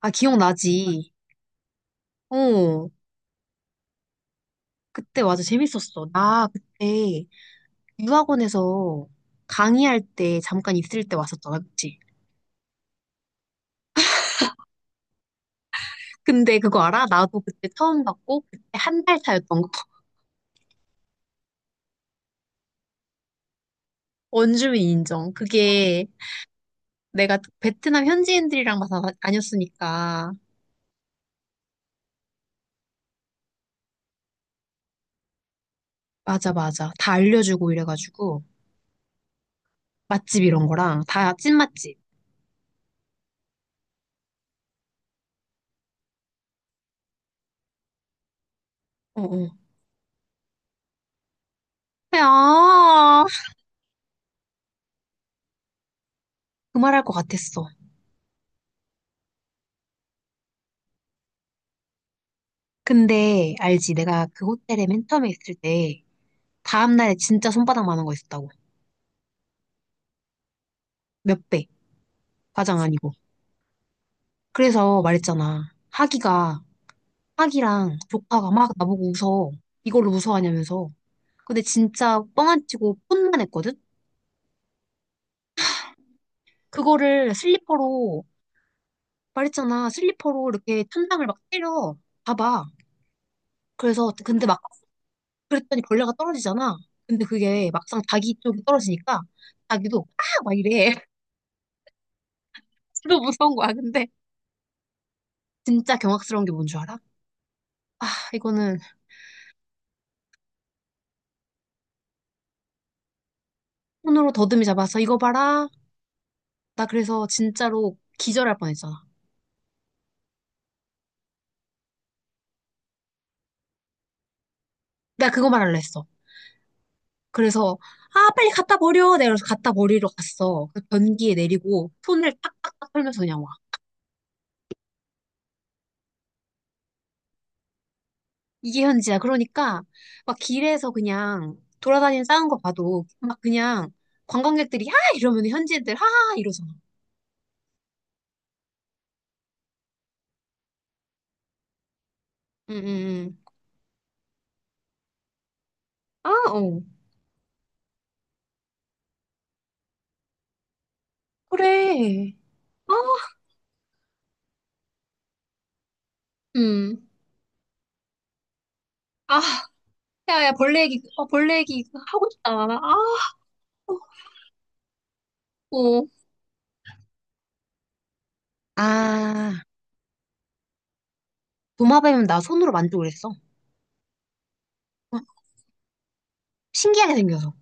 아, 기억나지. 어, 그때 맞아. 재밌었어. 나 그때 유학원에서 강의할 때 잠깐 있을 때 왔었잖아. 그치? 근데 그거 알아? 나도 그때 처음 봤고, 그때 한 달 차였던 거. 원주민 인정. 그게 내가 베트남 현지인들이랑 막 다녔으니까. 맞아, 맞아. 다 알려주고 이래가지고. 맛집 이런 거랑 다 찐맛집. 어, 어. 야, 그 말할 것 같았어. 근데 알지? 내가 그 호텔에 맨 처음에 있을 때 다음날에 진짜 손바닥 만한 거 있었다고. 몇 배. 과장 아니고. 그래서 말했잖아. 하기가, 하기랑 조카가 막 나보고 웃어. 이걸로 무서워하냐면서. 근데 진짜 뻥 안 치고 폰만 했거든? 그거를 슬리퍼로, 말했잖아. 슬리퍼로 이렇게 천장을 막 때려. 봐봐. 그래서, 근데 막, 그랬더니 벌레가 떨어지잖아. 근데 그게 막상 자기 쪽이 떨어지니까 자기도 아! 막 이래. 진짜 무서운 거야. 근데 진짜 경악스러운 게 뭔 줄 알아? 아, 이거는 손으로 더듬이 잡아서 이거 봐라. 나 그래서 진짜로 기절할 뻔했잖아. 나 그거 말하려 했어. 그래서 아 빨리 갖다 버려. 내가 그래서 갖다 버리러 갔어. 그 변기에 내리고 손을 딱딱딱 털면서 그냥 와. 이게 현지야. 그러니까 막 길에서 그냥 돌아다니는 싸운 거 봐도 막 그냥 관광객들이 하 이러면 현지인들 하하 이러잖아. 응응응. 아 어. 그래. 아 음. 아 야야 벌레 얘기 어, 벌레 얘기 하고 싶다. 아 어. 아, 도마뱀은 나 손으로 만지고 그랬어. 어, 신기하게 생겨서.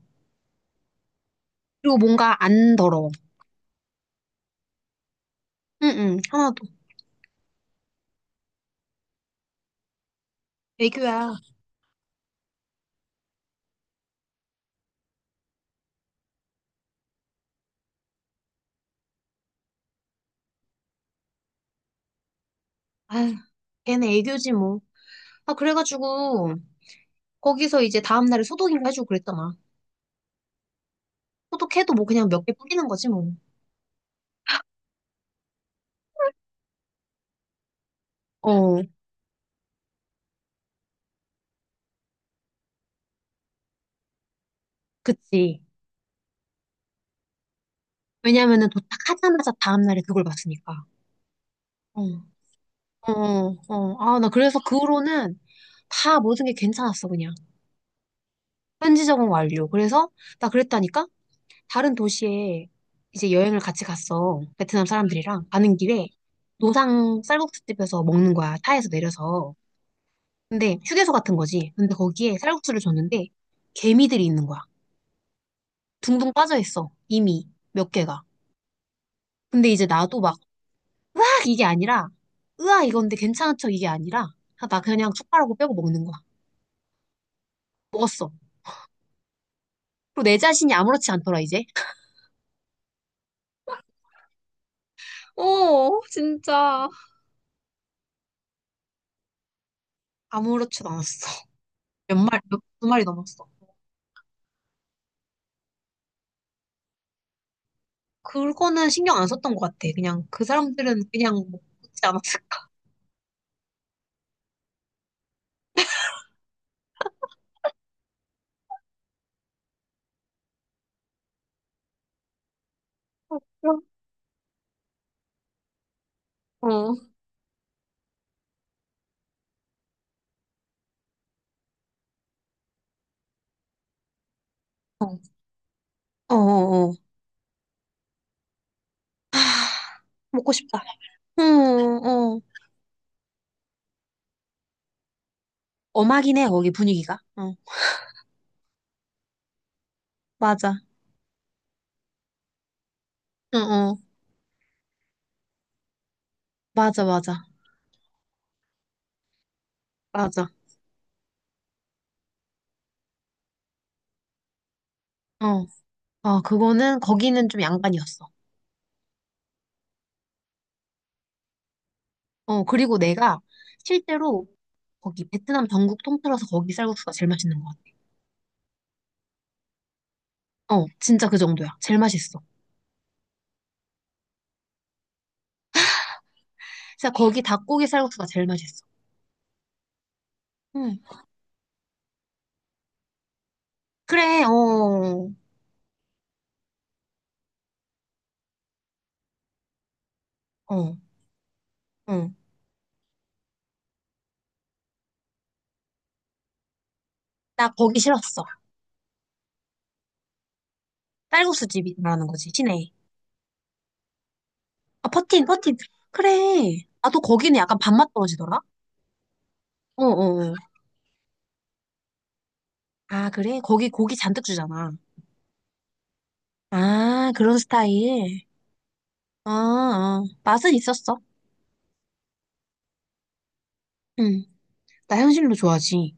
그리고 뭔가 안 더러워. 응응, 하나도. 애교야. 아휴, 걔는 애교지 뭐. 아, 그래가지고, 거기서 이제 다음날에 소독인가 해주고 그랬잖아. 소독해도 뭐 그냥 몇 개 뿌리는 거지 뭐. 어, 그치. 왜냐면은 도착하자마자 다음날에 그걸 봤으니까. 어, 어, 어. 아, 나 그래서 그 후로는 다 모든 게 괜찮았어, 그냥. 현지 적응 완료. 그래서 나 그랬다니까? 다른 도시에 이제 여행을 같이 갔어. 베트남 사람들이랑 가는 길에 노상 쌀국수집에서 먹는 거야. 차에서 내려서. 근데 휴게소 같은 거지. 근데 거기에 쌀국수를 줬는데 개미들이 있는 거야. 둥둥 빠져 있어. 이미 몇 개가. 근데 이제 나도 막 으악 이게 아니라 으아 이건데 괜찮은 척 이게 아니라 아, 나 그냥 숟가락으로 빼고 먹는 거야. 먹었어. 그리고 내 자신이 아무렇지 않더라 이제. 어, 진짜. 아무렇지도 않았어. 몇 마리, 몇, 두 마리 넘었어. 그거는 신경 안 썼던 것 같아. 그냥 그 사람들은 그냥 먹지 않았을까. 그럼? 어, 어, 어, 어. 하, 먹고 싶다. 어, 어. 엄하긴 해, 거기 분위기가. 어, 맞아. 어, 어. 맞아, 맞아. 맞아. 어. 아, 그거는, 거기는 좀 양반이었어. 어, 그리고 내가 실제로 거기 베트남 전국 통틀어서 거기 쌀국수가 제일 맛있는 것 같아. 어, 진짜 그 정도야. 제일 맛있어. 진짜 거기 닭고기 쌀국수가 제일 맛있어. 응. 그래, 어, 어. 응. 나 거기 싫었어. 쌀국수 집이 말하는 거지, 시내. 아, 퍼틴, 퍼틴. 그래. 아, 또 거기는 약간 밥맛 떨어지더라? 어어. 어. 어. 아, 그래? 거기 고기 잔뜩 주잖아. 아, 그런 스타일. 아, 아. 맛은 있었어. 응. 나 향신료 좋아하지.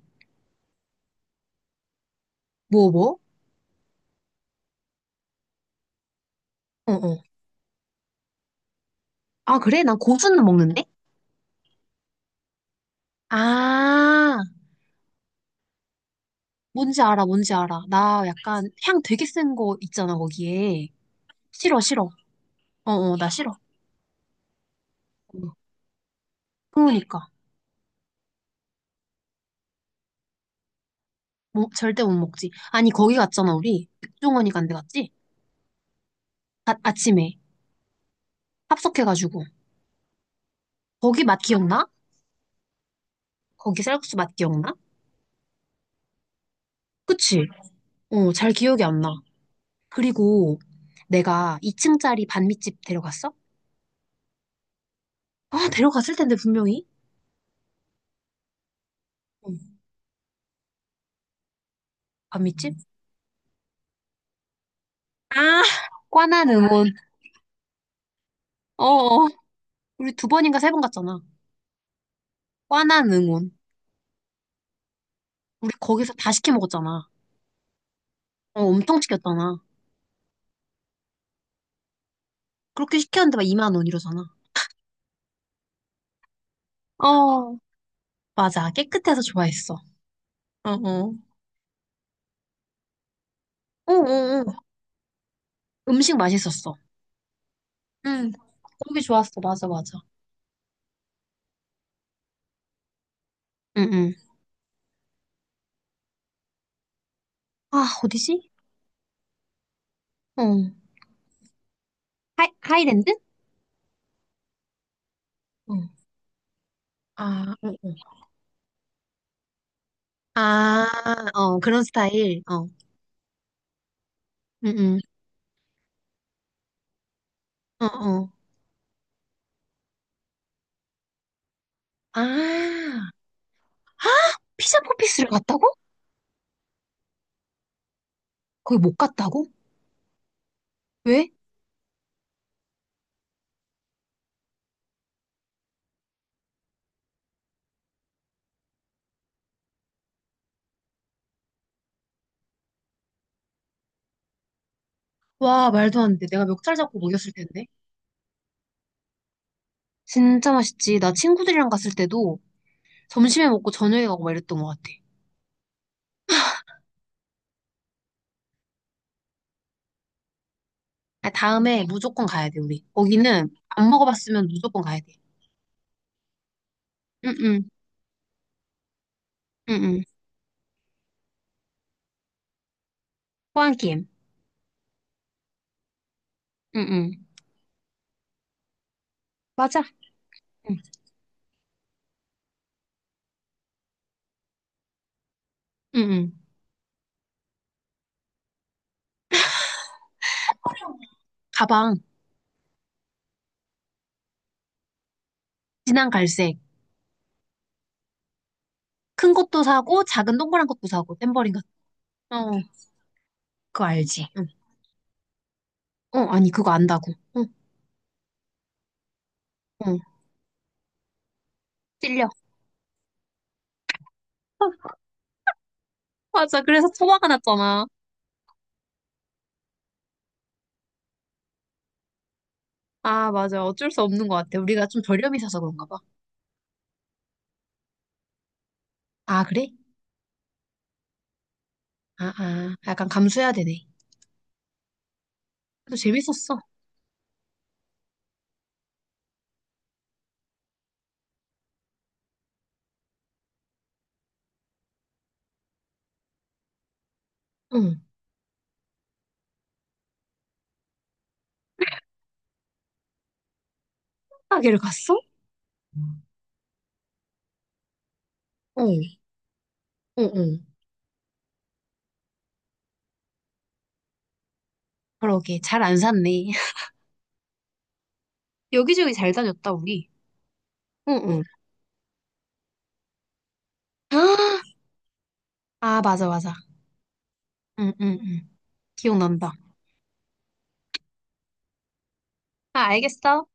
뭐, 뭐? 어어. 아, 그래? 난 고수는 먹는데? 아, 뭔지 알아, 뭔지 알아. 나 약간 향 되게 센 거 있잖아, 거기에. 싫어, 싫어. 어어, 나 싫어. 어. 그러니까. 뭐, 절대 못 먹지. 아니, 거기 갔잖아, 우리. 백종원이 간데 갔지? 아, 아침에 합석해가지고. 거기 맛 기억나? 거기 쌀국수 맛 기억나? 그치? 어, 잘 기억이 안 나. 그리고 내가 2층짜리 반미집 데려갔어? 아, 데려갔을 텐데, 분명히. 응, 반미집? 아, 꽈난 응원. 어어. 우리 두 번인가 세 번 갔잖아. 꽈난 응원. 우리 거기서 다 시켜 먹었잖아. 어, 엄청 시켰잖아. 그렇게 시켰는데 막 2만 원 이러잖아. 어, 맞아. 깨끗해서 좋아했어. 어어. 응응응. 음식 맛있었어. 응. 거기 좋았어. 맞아, 맞아. 응응. 아, 어디지? 어. 하이랜드? 어. 아, 응응. 아, 어, 그런 스타일. 어. 응응. 어, 어. 아, 아, 피자 포피스를 갔다고? 거기 못 갔다고? 왜? 와, 말도 안 돼. 내가 멱살 잡고 먹였을 텐데. 진짜 맛있지. 나 친구들이랑 갔을 때도 점심에 먹고 저녁에 가고 막 이랬던 것 같아. 아, 다음에 무조건 가야 돼, 우리. 거기는 안 먹어봤으면 무조건 가야 돼. 응응. 응응. 호환김. 응응. 맞아. 응. 응응. 가방. 진한 갈색. 큰 것도 사고 작은 동그란 것도 사고 탬버린 같은. 어. 그거 알지? 응. 어 아니 그거 안다고. 응. 응. 찔려. 맞아. 그래서 소화가 났잖아. 아 맞아. 어쩔 수 없는 것 같아. 우리가 좀 저렴이 사서 그런가 봐. 아 그래? 아 아. 약간 감수해야 되네. 그래도 재밌었어. 응. 가게를 갔어? 어. 어 어. 그러게 잘 안 샀네. 여기저기 잘 다녔다 우리. 응 응. 아 아, 맞아, 맞아. 응, 응, 응. 기억난다. 아, 알겠어.